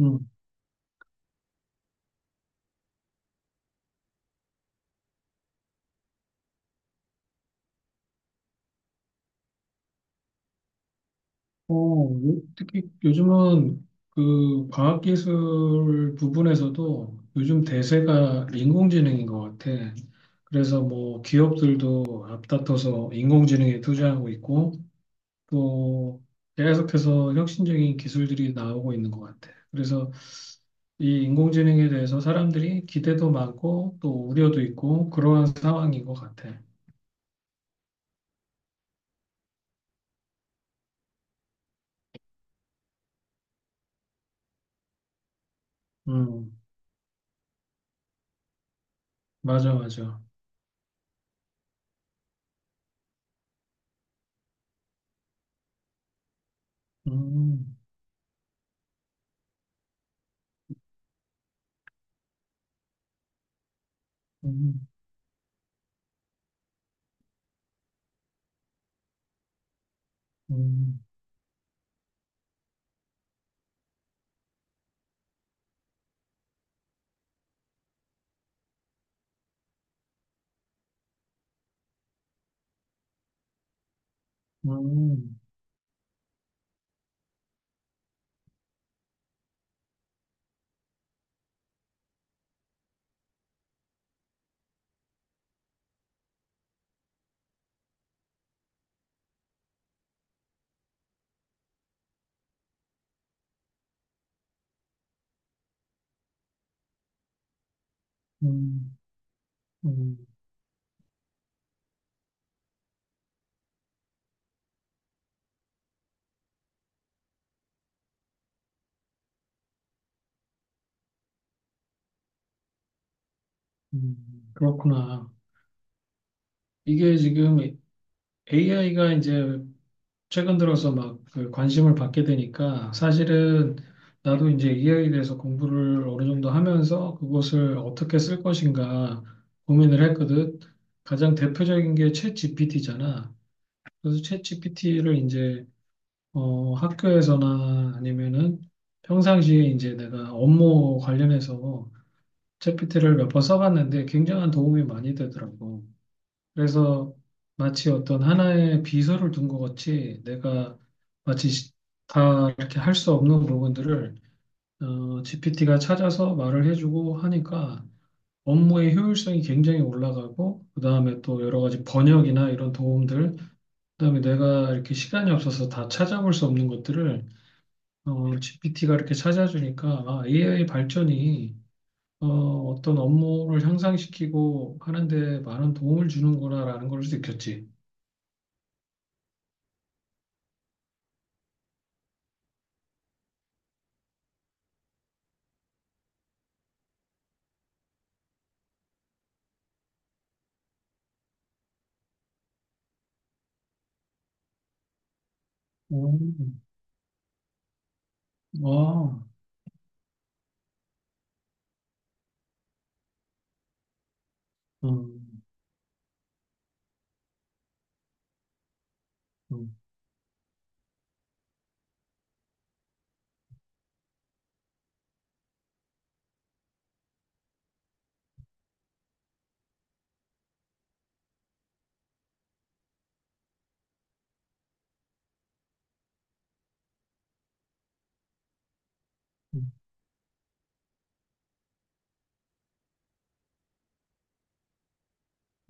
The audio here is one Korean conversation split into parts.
음. 어, 특히 요즘은 그 과학기술 부분에서도 요즘 대세가 인공지능인 것 같아. 그래서 뭐 기업들도 앞다퉈서 인공지능에 투자하고 있고 또 계속해서 혁신적인 기술들이 나오고 있는 것 같아. 그래서 이 인공지능에 대해서 사람들이 기대도 많고 또 우려도 있고 그러한 상황인 것 같아. 음, 맞아, 맞아. 음, 음, 음, 음. 음, 음, 그렇구나. 이게 지금 AI가 이제 최근 들어서 막그 관심을 받게 되니까 사실은 나도 이제 AI에 대해서 공부를 어느 정도 하면서 그것을 어떻게 쓸 것인가 고민을 했거든. 가장 대표적인 게 챗 GPT잖아. 그래서 챗 GPT를 이제 학교에서나 아니면은 평상시에 이제 내가 업무 관련해서 챗GPT를 몇 번 써봤는데 굉장한 도움이 많이 되더라고. 그래서 마치 어떤 하나의 비서를 둔 것 같이 내가 마치 시- 다 이렇게 할 수 없는 부분들을 GPT가 찾아서 말을 해주고 하니까 업무의 효율성이 굉장히 올라가고 그다음에 또 여러 가지 번역이나 이런 도움들 그다음에 내가 이렇게 시간이 없어서 다 찾아볼 수 없는 것들을 GPT가 이렇게 찾아주니까 아, AI 발전이 어, 어떤 업무를 향상시키고 하는데 많은 도움을 주는구나라는 걸 느꼈지. 음. 아. 음. 음.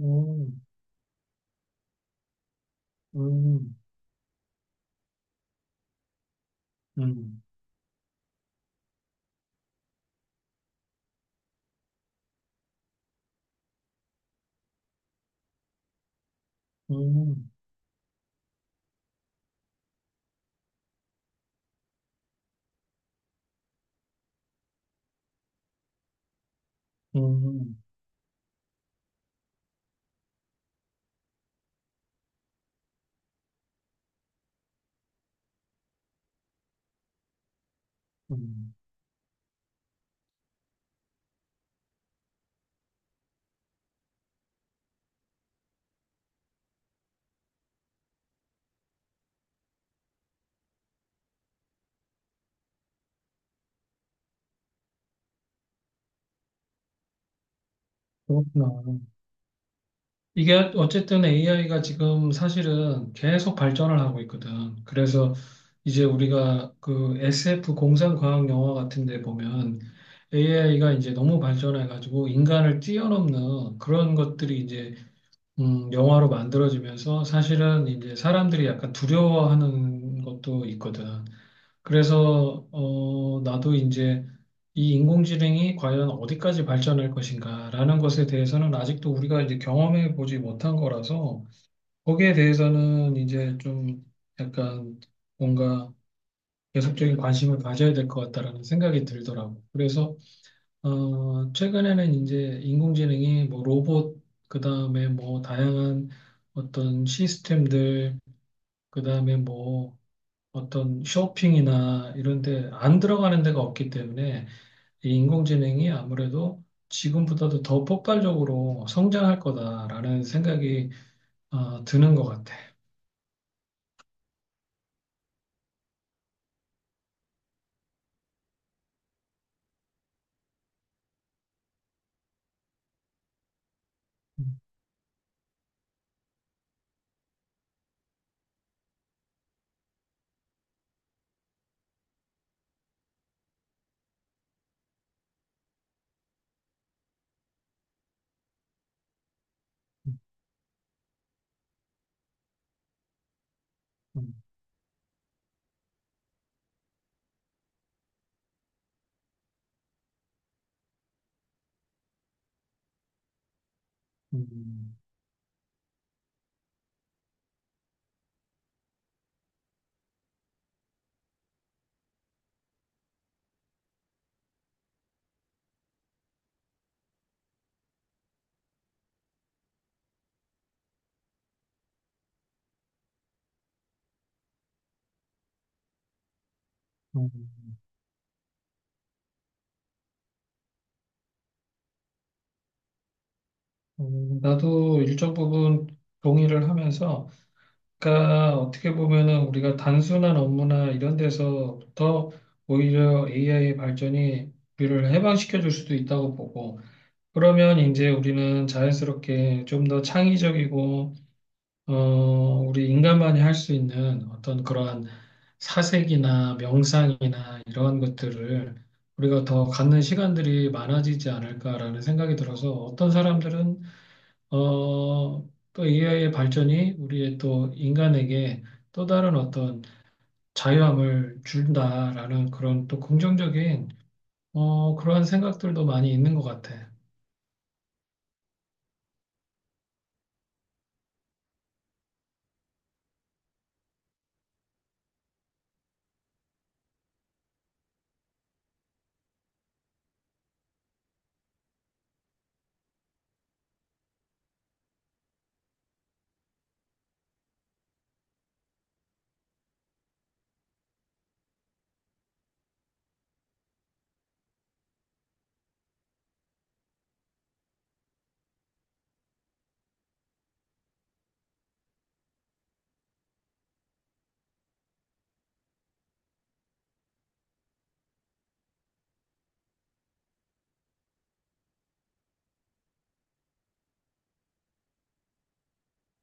음. 음. 음. 음. 음. 음. 그렇구나. 이게 어쨌든 AI가 지금 사실은 계속 발전을 하고 있거든. 그래서 이제 우리가 그 SF 공상과학 영화 같은 데 보면 AI가 이제 너무 발전해가지고 인간을 뛰어넘는 그런 것들이 이제 영화로 만들어지면서 사실은 이제 사람들이 약간 두려워하는 것도 있거든. 그래서 나도 이제 이 인공지능이 과연 어디까지 발전할 것인가라는 것에 대해서는 아직도 우리가 이제 경험해 보지 못한 거라서 거기에 대해서는 이제 좀 약간 뭔가 계속적인 관심을 가져야 될 것 같다라는 생각이 들더라고. 그래서 최근에는 이제 인공지능이 뭐 로봇 그다음에 뭐 다양한 어떤 시스템들 그다음에 뭐 어떤 쇼핑이나 이런 데 안 들어가는 데가 없기 때문에 이 인공지능이 아무래도 지금보다도 더 폭발적으로 성장할 거다라는 생각이 드는 것 같아. 음, 음, 음, 음, 나도 일정 부분 동의를 하면서, 그러니까 어떻게 보면은 우리가 단순한 업무나 이런 데서부터 오히려 AI의 발전이 우리를 해방시켜 줄 수도 있다고 보고, 그러면 이제 우리는 자연스럽게 좀 더 창의적이고, 어, 우리 인간만이 할 수 있는 어떤 그러한 사색이나 명상이나 이러한 것들을 우리가 더 갖는 시간들이 많아지지 않을까라는 생각이 들어서 어떤 사람들은, 어, 또 AI의 발전이 우리의 또 인간에게 또 다른 어떤 자유함을 준다라는 그런 또 긍정적인, 그러한 생각들도 많이 있는 것 같아.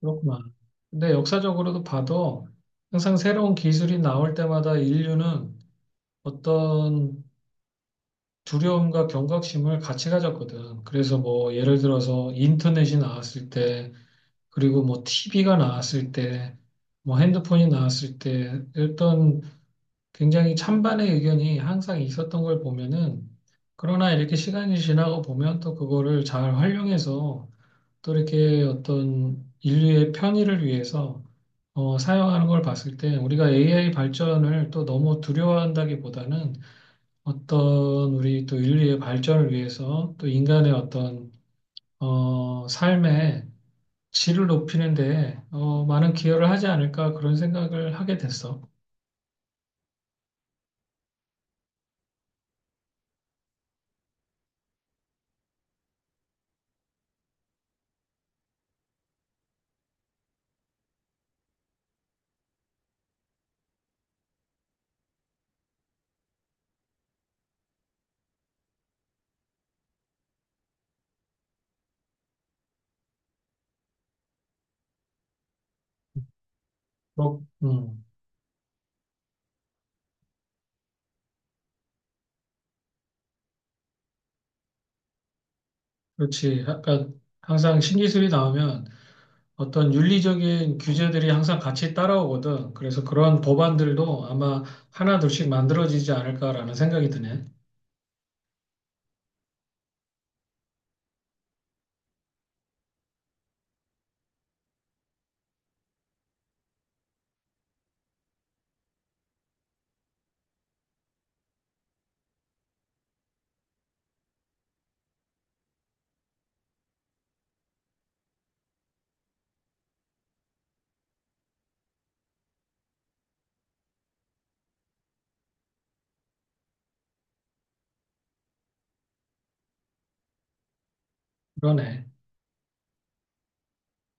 그렇구나. 근데 역사적으로도 봐도 항상 새로운 기술이 나올 때마다 인류는 어떤 두려움과 경각심을 같이 가졌거든. 그래서 뭐 예를 들어서 인터넷이 나왔을 때, 그리고 뭐 TV가 나왔을 때, 뭐 핸드폰이 나왔을 때, 어떤 굉장히 찬반의 의견이 항상 있었던 걸 보면은, 그러나 이렇게 시간이 지나고 보면 또 그거를 잘 활용해서 또 이렇게 어떤 인류의 편의를 위해서 사용하는 걸 봤을 때 우리가 AI 발전을 또 너무 두려워한다기보다는 어떤 우리 또 인류의 발전을 위해서 또 인간의 어떤 삶의 질을 높이는 데 많은 기여를 하지 않을까 그런 생각을 하게 됐어. 뭐, 그렇지. 약간 항상 신기술이 나오면 어떤 윤리적인 규제들이 항상 같이 따라오거든. 그래서 그러한 법안들도 아마 하나 둘씩 만들어지지 않을까라는 생각이 드네. 그러네.